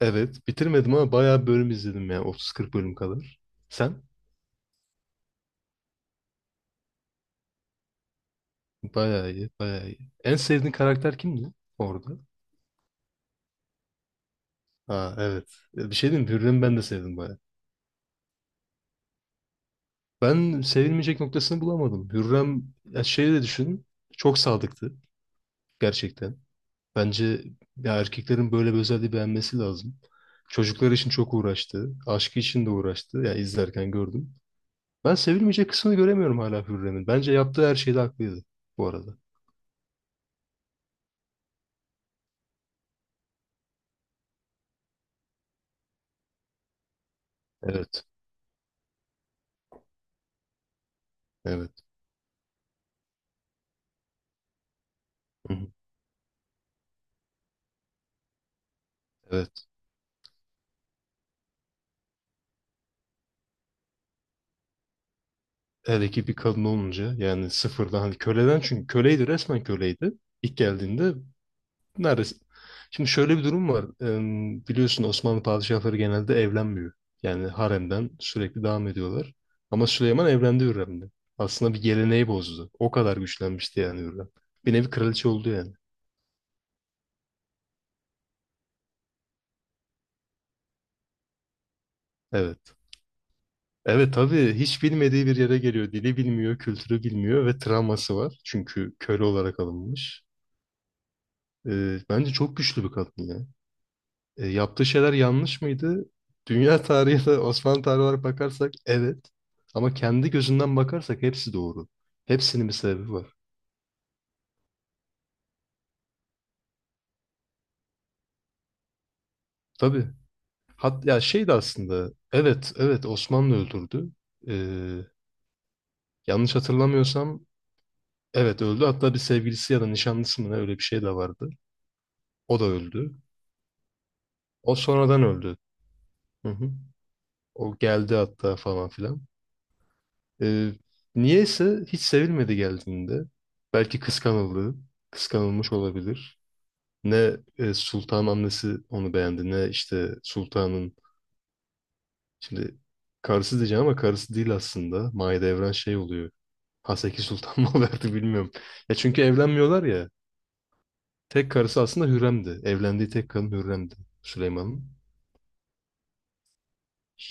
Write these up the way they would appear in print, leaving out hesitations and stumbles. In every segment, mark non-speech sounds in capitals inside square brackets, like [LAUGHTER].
Evet, bitirmedim ama bayağı bölüm izledim yani 30-40 bölüm kadar. Sen? Bayağı iyi, bayağı iyi. En sevdiğin karakter kimdi orada? Ha evet. Ya bir şey diyeyim, mi? Hürrem'i ben de sevdim bayağı. Ben sevilmeyecek noktasını bulamadım. Hürrem, ya şeyi de düşün, çok sadıktı gerçekten. Bence ya erkeklerin böyle bir özelliği beğenmesi lazım. Çocuklar için çok uğraştı, aşkı için de uğraştı. Ya izlerken gördüm. Ben sevilmeyecek kısmını göremiyorum hala Hürrem'in. Bence yaptığı her şeyde haklıydı bu arada. Evet, evet. Evet. Hele ki bir kadın olunca yani sıfırdan hani köleden çünkü köleydi resmen köleydi ilk geldiğinde neredeyse. Şimdi şöyle bir durum var. Biliyorsun Osmanlı padişahları genelde evlenmiyor. Yani haremden sürekli devam ediyorlar. Ama Süleyman evlendi Hürrem'le. Aslında bir geleneği bozdu. O kadar güçlenmişti yani Hürrem. Bir nevi kraliçe oldu yani. Evet. Evet tabii hiç bilmediği bir yere geliyor. Dili bilmiyor, kültürü bilmiyor ve travması var. Çünkü köle olarak alınmış. Bence çok güçlü bir kadın ya. Yaptığı şeyler yanlış mıydı? Dünya [LAUGHS] tarihi ya da Osmanlı tarihi olarak bakarsak evet. Ama kendi gözünden bakarsak hepsi doğru. Hepsinin bir sebebi var. Tabii. Hat ya şey de aslında evet Osmanlı öldürdü. E, yanlış hatırlamıyorsam evet öldü. Hatta bir sevgilisi ya da nişanlısı mı ne öyle bir şey de vardı. O da öldü. O sonradan öldü. Hı hı. O geldi hatta falan filan. E, niyeyse hiç sevilmedi geldiğinde. Belki kıskanıldı. Kıskanılmış olabilir. Ne Sultan annesi onu beğendi ne işte Sultan'ın şimdi karısı diyeceğim ama karısı değil aslında. Mahidevran şey oluyor. Haseki Sultan mı [LAUGHS] verdi bilmiyorum. Ya çünkü evlenmiyorlar ya. Tek karısı aslında Hürrem'di. Evlendiği tek kadın Hürrem'di Süleyman'ın.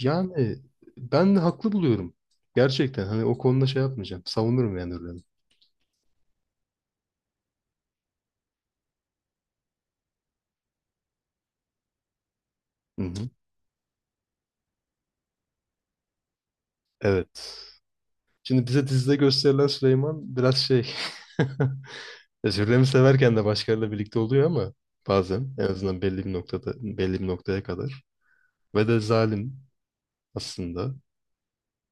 Yani ben de haklı buluyorum. Gerçekten hani o konuda şey yapmayacağım. Savunurum yani Hürrem'i. Hı hı. Evet. Şimdi bize dizide gösterilen Süleyman biraz şey. [LAUGHS] Özürlerimi severken de başkalarıyla birlikte oluyor ama bazen en azından belli bir noktada belli bir noktaya kadar ve de zalim aslında.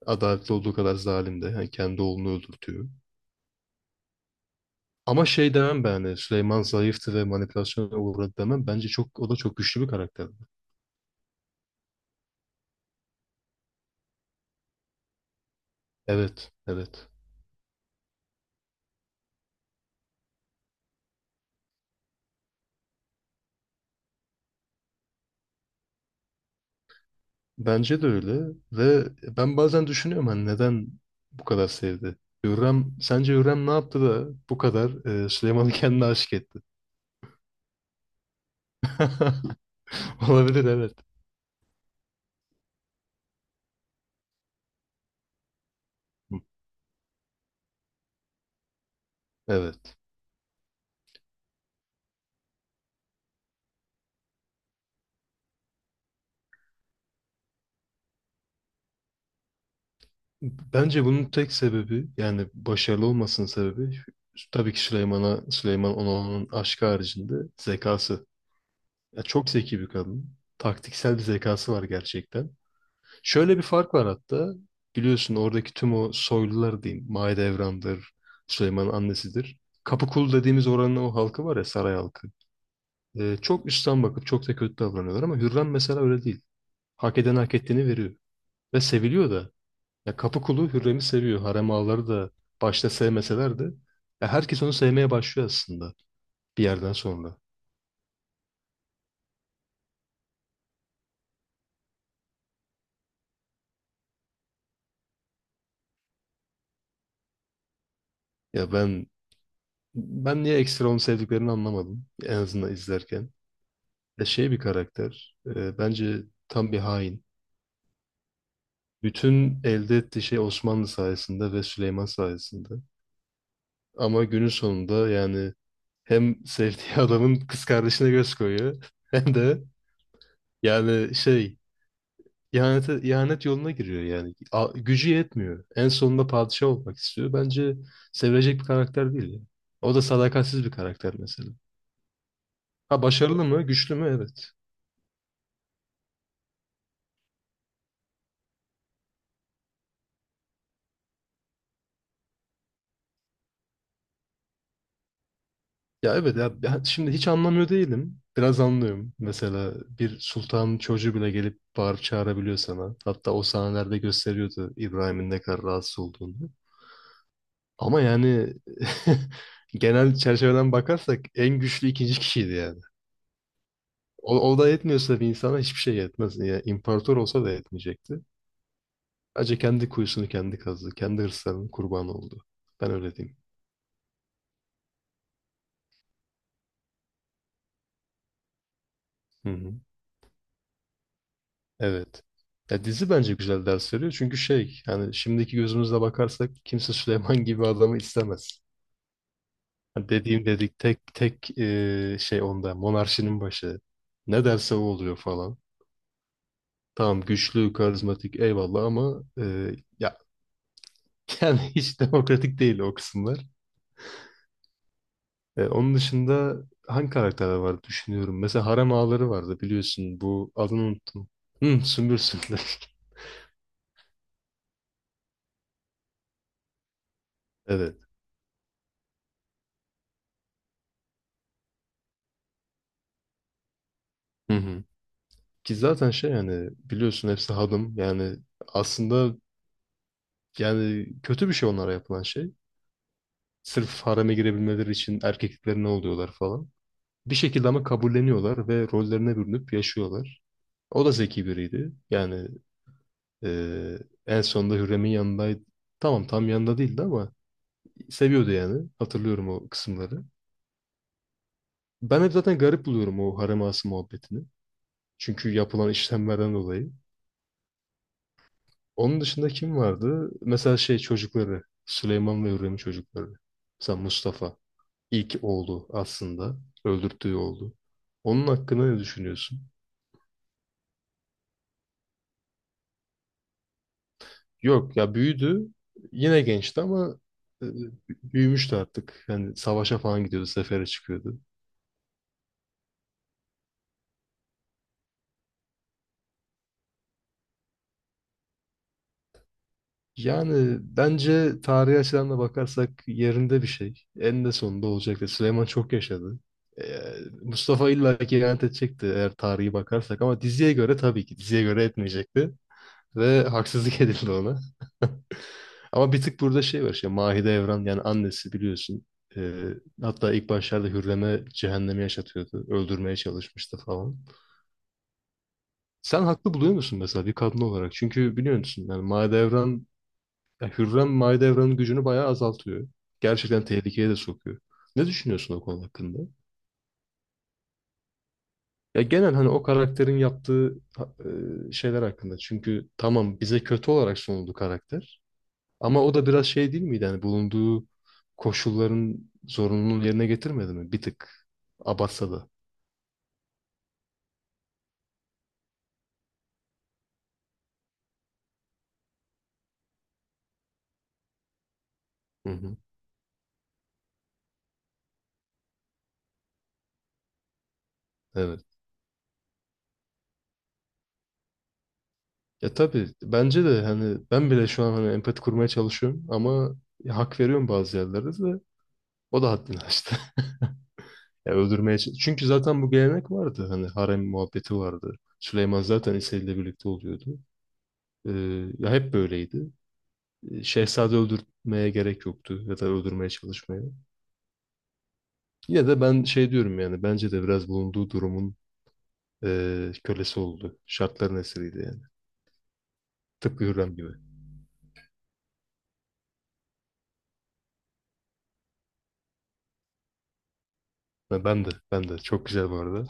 Adaletli olduğu kadar zalim de. Yani kendi oğlunu öldürtüyor. Ama şey demem ben hani Süleyman zayıftı ve manipülasyona uğradı demem. Bence çok o da çok güçlü bir karakterdi. Evet, evet. Bence de öyle ve ben bazen düşünüyorum hani neden bu kadar sevdi? Hürrem, sence Hürrem ne yaptı da bu kadar Süleyman'ı [LAUGHS] kendine aşık etti? [LAUGHS] Olabilir evet. Hı, evet. Bence bunun tek sebebi yani başarılı olmasının sebebi tabii ki Süleyman'a Süleyman Onal'ın aşkı haricinde zekası. Ya çok zeki bir kadın. Taktiksel bir zekası var gerçekten. Şöyle bir fark var hatta. Biliyorsun oradaki tüm o soylular diyeyim. Mahidevran'dır, Süleyman'ın annesidir. Kapıkulu dediğimiz oranın o halkı var ya saray halkı. Çok üstten bakıp çok da kötü davranıyorlar ama Hürrem mesela öyle değil. Hak eden hak ettiğini veriyor. Ve seviliyor da. Ya kapı kulu Hürrem'i seviyor. Harem ağaları da başta sevmeseler de ya herkes onu sevmeye başlıyor aslında bir yerden sonra. Ya ben niye ekstra onu sevdiklerini anlamadım en azından izlerken. Ya şey bir karakter. Bence tam bir hain. Bütün elde ettiği şey Osmanlı sayesinde ve Süleyman sayesinde. Ama günün sonunda yani hem sevdiği [LAUGHS] adamın kız kardeşine göz koyuyor [LAUGHS] hem de yani şey. İhanet yoluna giriyor yani. A- gücü yetmiyor. En sonunda padişah olmak istiyor. Bence sevilecek bir karakter değil ya. O da sadakatsiz bir karakter mesela. Ha başarılı mı? Güçlü mü? Evet. Ya evet ya ya şimdi hiç anlamıyor değilim. Biraz anlıyorum. Mesela bir sultanın çocuğu bile gelip bağırıp çağırabiliyor sana. Hatta o sahnelerde gösteriyordu İbrahim'in ne kadar rahatsız olduğunu. Ama yani [LAUGHS] genel çerçeveden bakarsak en güçlü ikinci kişiydi yani. O da yetmiyorsa bir insana hiçbir şey yetmez. Yani imparator olsa da yetmeyecekti. Acı kendi kuyusunu kendi kazdı. Kendi hırslarının kurbanı oldu. Ben öyle diyeyim. Hı hı. Evet. Ya dizi bence güzel ders veriyor. Çünkü şey yani şimdiki gözümüzle bakarsak kimse Süleyman gibi adamı istemez. Hani dediğim dedik tek tek şey onda monarşinin başı. Ne derse o oluyor falan. Tamam güçlü, karizmatik eyvallah ama ya [LAUGHS] yani hiç demokratik değil o kısımlar. Onun dışında hangi karakterler vardı düşünüyorum. Mesela harem ağaları vardı biliyorsun. Bu adını unuttum. Hı, Sümbül Sünder. [LAUGHS] Evet. Hı hı. Ki zaten şey yani biliyorsun hepsi hadım. Yani aslında yani kötü bir şey onlara yapılan şey. Sırf hareme girebilmeleri için erkekliklerine oluyorlar falan. Bir şekilde ama kabulleniyorlar ve rollerine bürünüp yaşıyorlar. O da zeki biriydi. Yani e, en sonunda Hürrem'in yanındaydı. Tamam tam yanında değildi ama seviyordu yani. Hatırlıyorum o kısımları. Ben hep zaten garip buluyorum o harem ağası muhabbetini. Çünkü yapılan işlemlerden dolayı. Onun dışında kim vardı? Mesela şey çocukları. Süleyman ve Hürrem'in çocukları. Mesela Mustafa. İlk oğlu aslında. Öldürttüğü oğlu. Onun hakkında ne düşünüyorsun? Yok ya büyüdü. Yine gençti ama e, büyümüştü artık. Yani savaşa falan gidiyordu. Sefere çıkıyordu. Yani bence tarihi açıdan da bakarsak yerinde bir şey. En de sonunda olacaktı. Süleyman çok yaşadı. Ee, Mustafa illa ki ihanet edecekti eğer tarihi bakarsak ama diziye göre tabii ki diziye göre etmeyecekti. Ve haksızlık [LAUGHS] edildi ona. Ama bir tık burada şey var işte Mahide Evran yani annesi biliyorsun. Ee, hatta ilk başlarda Hürrem'e cehennemi yaşatıyordu. Öldürmeye çalışmıştı falan. Sen haklı buluyor musun mesela bir kadın olarak? Çünkü biliyor musun yani Mahide Evran ya Hürrem Mahidevran'ın gücünü bayağı azaltıyor. Gerçekten tehlikeye de sokuyor. Ne düşünüyorsun o konu hakkında? Ya genel hani o karakterin yaptığı ha- şeyler hakkında. Çünkü tamam bize kötü olarak sunuldu karakter. Ama o da biraz şey değil miydi? Hani bulunduğu koşulların zorunluluğunu yerine getirmedi mi? Bir tık. Abatsa da. Hı hı. Evet. Ya tabii bence de hani ben bile şu an hani empati kurmaya çalışıyorum ama hak veriyorum bazı yerlerde de o da haddini aştı. [LAUGHS] Ya öldürmeye ç- çünkü zaten bu gelenek vardı. Hani harem muhabbeti vardı. Süleyman zaten İsa ile birlikte oluyordu. Ee, ya hep böyleydi. Şehzade öldürmeye gerek yoktu ya da öldürmeye çalışmaya. Yine de ben şey diyorum yani bence de biraz bulunduğu durumun kölesi oldu. Şartların esiriydi yani. Tıpkı Hürrem gibi. Ha, ben de çok güzel bu arada.